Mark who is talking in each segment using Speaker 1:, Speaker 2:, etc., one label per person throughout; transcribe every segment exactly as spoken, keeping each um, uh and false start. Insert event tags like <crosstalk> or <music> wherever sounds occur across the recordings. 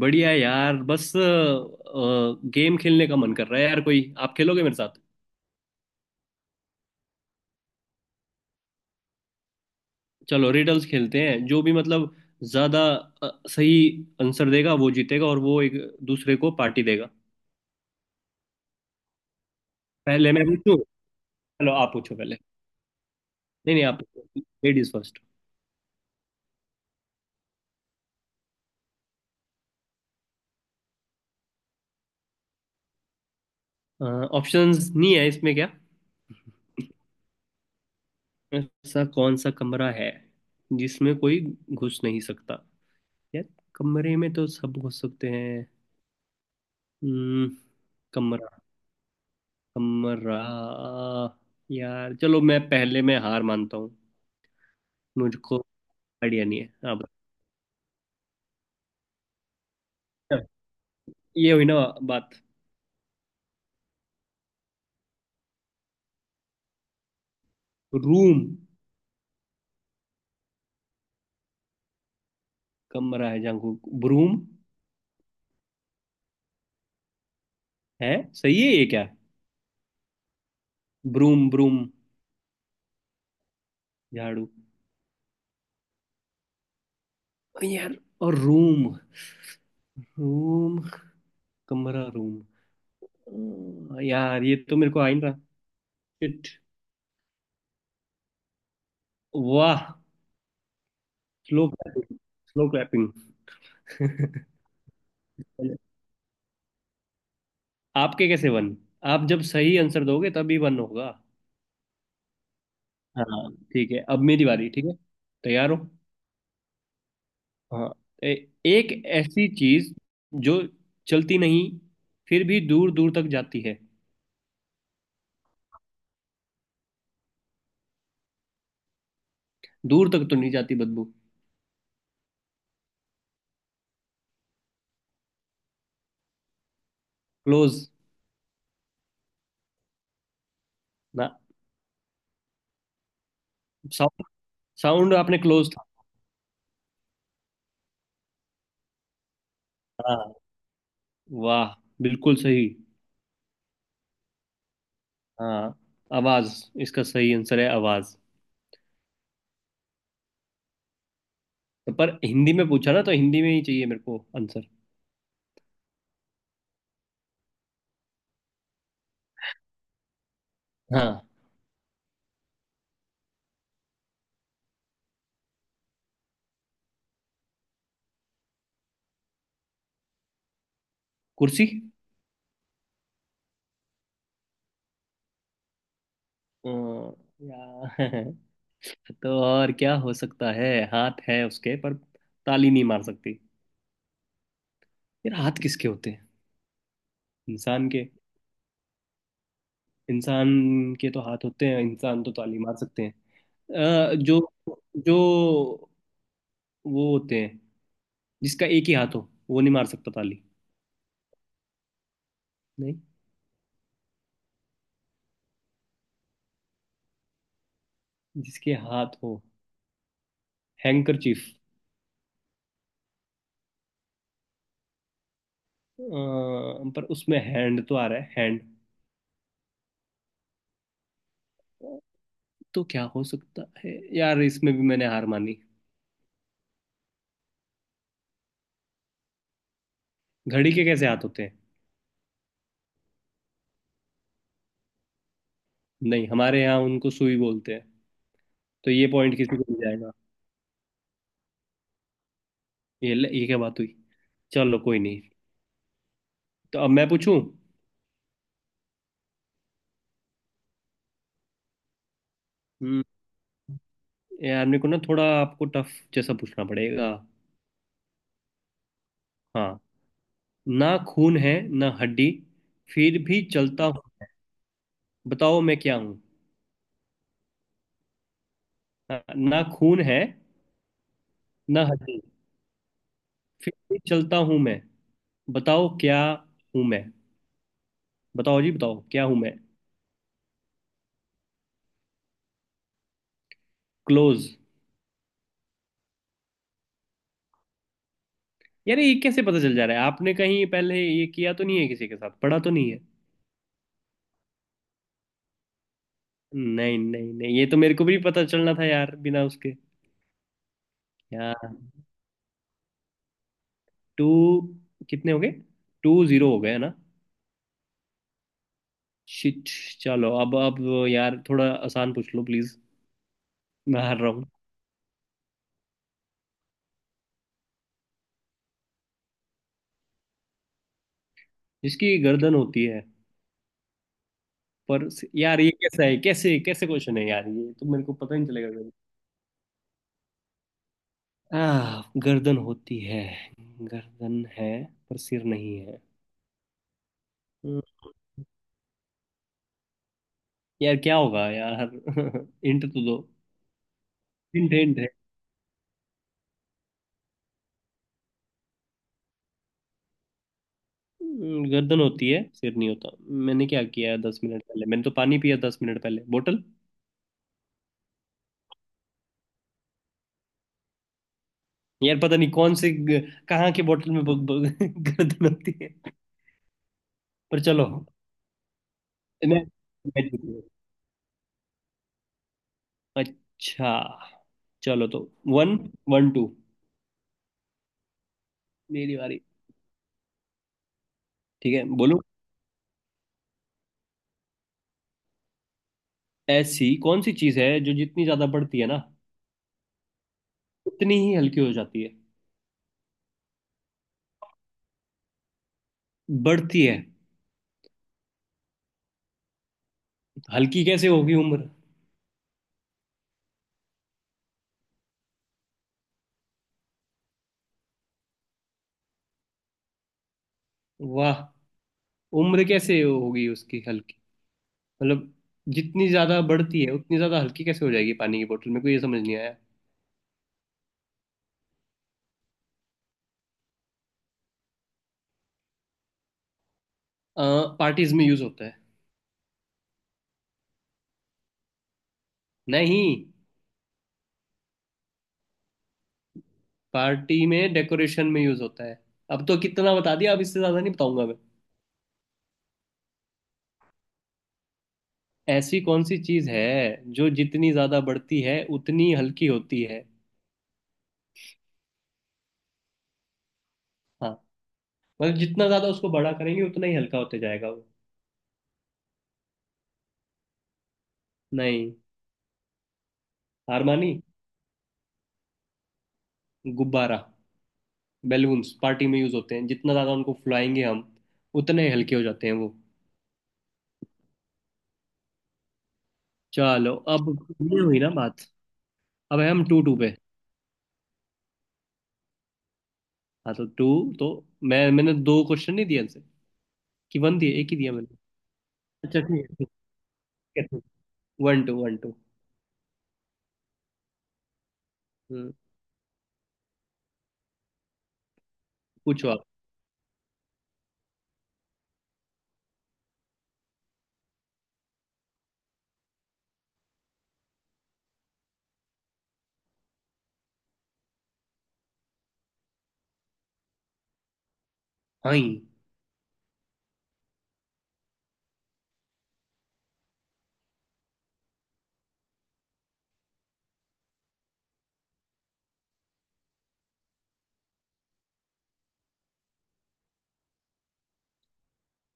Speaker 1: बढ़िया यार, बस गेम खेलने का मन कर रहा है। यार कोई आप खेलोगे मेरे साथ? चलो रिडल्स खेलते हैं। जो भी मतलब ज्यादा अ, सही आंसर देगा वो जीतेगा, और वो एक दूसरे को पार्टी देगा। पहले मैं पूछूं। चलो आप पूछो पहले। नहीं नहीं आप पूछो, लेडीज फर्स्ट। ऑप्शंस नहीं है इसमें क्या? ऐसा कौन सा कमरा है जिसमें कोई घुस नहीं सकता? यार कमरे में तो सब घुस सकते हैं। हम्म, कमरा कमरा। यार चलो, मैं पहले में हार मानता हूँ। मुझको आइडिया नहीं है। आप बताओ। ये हुई ना बात। रूम। कमरा है जहाँ को ब्रूम है, सही है ये क्या? Broom broom. झाड़ू। यार और रूम। रूम कमरा रूम। हाँ, यार ये तो मेरे को आ ही नहीं रहा। शिट। वाह। Slow clapping. Slow clapping. <laughs> आपके कैसे वन? आप जब सही आंसर दोगे तभी वन होगा। हाँ ठीक है, अब मेरी बारी। ठीक है तैयार हो? हाँ। ए- एक ऐसी चीज जो चलती नहीं, फिर भी दूर दूर तक जाती है। दूर तक तो नहीं जाती बदबू। क्लोज। ना। साउंड। साउंड आपने क्लोज था। हाँ। वाह, बिल्कुल सही। हाँ, आवाज। इसका सही आंसर है आवाज। तो पर हिंदी में पूछा ना, तो हिंदी में ही चाहिए मेरे को आंसर। हाँ। कुर्सी। अ, या <laughs> तो और क्या हो सकता है? हाथ है उसके पर ताली नहीं मार सकती। यार हाथ किसके होते हैं? इंसान के। इंसान के तो हाथ होते हैं, इंसान तो ताली मार सकते हैं। अ, जो जो वो होते हैं जिसका एक ही हाथ हो वो नहीं मार सकता ताली। नहीं। जिसके हाथ हो, हैंकरचीफ। पर उसमें हैंड तो आ रहा है, हैंड। तो क्या हो सकता है यार? इसमें भी मैंने हार मानी। घड़ी के कैसे हाथ होते हैं? नहीं हमारे यहाँ उनको सुई बोलते हैं। तो ये पॉइंट किसी को मिल जाएगा? ये ले- ये क्या बात हुई? चलो कोई नहीं। तो अब मैं पूछूं? हम्म, यार मेरे को ना थोड़ा आपको टफ जैसा पूछना पड़ेगा। हाँ। ना खून है, ना हड्डी, फिर भी चलता हूँ। बताओ मैं क्या हूँ? हाँ, ना खून है, ना हड्डी, फिर भी चलता हूँ मैं। बताओ क्या हूँ मैं? बताओ जी बताओ क्या हूँ मैं? क्लोज। यार ये कैसे पता चल जा रहा है? आपने कहीं पहले ये किया तो नहीं है? किसी के साथ पढ़ा तो नहीं है? नहीं नहीं नहीं, ये तो मेरे को भी पता चलना था यार बिना उसके। यार टू कितने हो गए? टू जीरो हो गए है ना? शिट। चलो अब अब, यार थोड़ा आसान पूछ लो प्लीज। मैं हार रहा हूँ। जिसकी गर्दन होती है पर। यार ये कैसा है? कैसे कैसे क्वेश्चन है यार? ये तो मेरे को पता ही नहीं चलेगा। गर्दन। आह, गर्दन होती है, गर्दन है पर सिर नहीं है। हम्म, यार क्या होगा यार? <laughs> हिंट तो दो। Hint hint. हम्म, गर्दन होती है सिर नहीं होता। मैंने क्या किया दस मिनट पहले? मैंने तो पानी पिया दस मिनट पहले, बोतल। यार पता नहीं कौन से ग- कहाँ के बोतल में ब- ब- <laughs> गर्दन होती है। पर चलो, मैं मैं जीत गया। अच्छा। चलो तो वन वन टू। मेरी बारी। ठीक है बोलो। ऐसी कौन सी चीज है जो जितनी ज्यादा बढ़ती है ना उतनी ही हल्की हो जाती है? बढ़ती है। हल्की कैसे होगी उम्र? वाह। उम्र कैसे होगी उसकी हल्की? मतलब जितनी ज्यादा बढ़ती है उतनी ज्यादा हल्की कैसे हो जाएगी पानी की बोतल? मेरे को ये समझ नहीं आया। पार्टीज में यूज होता है। नहीं। पार्टी में डेकोरेशन में यूज होता है। अब तो कितना बता दिया, अब इससे ज्यादा नहीं बताऊंगा मैं। ऐसी कौन सी चीज है जो जितनी ज्यादा बढ़ती है उतनी हल्की होती है? हाँ। मतलब जितना ज्यादा उसको बड़ा करेंगे उतना ही हल्का होते जाएगा वो। नहीं। हार मानी। गुब्बारा। बैलून्स पार्टी में यूज होते हैं, जितना ज्यादा उनको फुलाएंगे हम उतने हल्के हो जाते हैं वो। चलो अब। ये हुई ना बात। अब है हम टू टू पे। हाँ तो टू तो मैं मैंने दो क्वेश्चन नहीं दिए आंसर। कि वन दिए, एक ही दिया मैंने। अच्छा ठीक है। One two one two. हम्म। पूछो आप। हाँ।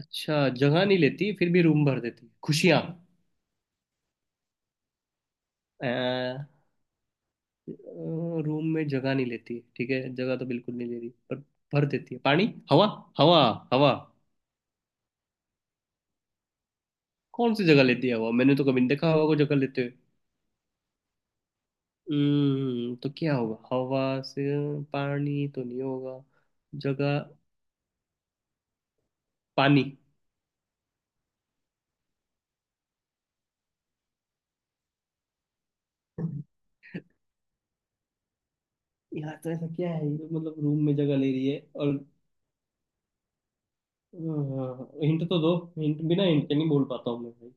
Speaker 1: अच्छा, जगह नहीं लेती फिर भी रूम भर देती, खुशियाँ। अ, रूम में जगह नहीं लेती ठीक है, जगह तो बिल्कुल नहीं ले रही पर भर देती है पानी। हवा हवा हवा। कौन सी जगह लेती है हवा? मैंने तो कभी नहीं देखा हवा को जगह लेते हुए। हम्म तो क्या होगा हवा से? पानी तो नहीं होगा। जगह पानी। यार तो ऐसा क्या है? ये तो मतलब रूम में जगह ले रही है और, हिंट तो दो। हिंट बिना हिंट के नहीं बोल पाता हूँ मैं भाई।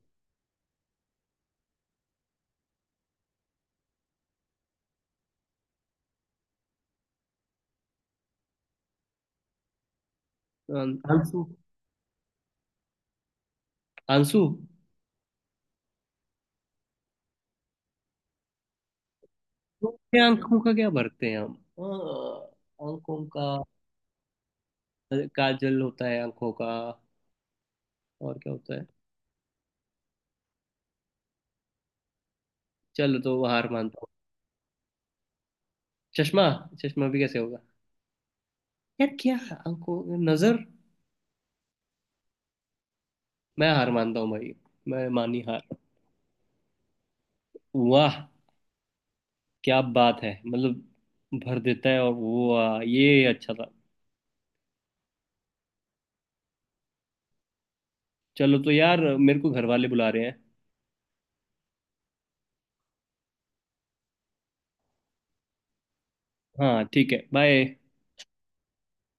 Speaker 1: आं- आंसू। आंसू। ये आंखों का क्या भरते हैं हम? हाँ, आंखों का काजल होता है, आंखों का और क्या होता है? चलो तो हार मानता हूँ। चश्मा। चश्मा भी कैसे होगा? यार क्या? आंखों, नजर। मैं हार मानता हूँ भाई। मैं मानी हार। वाह। क्या बात है? मतलब भर देता है और वो, वाह, ये अच्छा था। चलो तो यार मेरे को घर वाले बुला रहे हैं। हाँ ठीक है, बाय।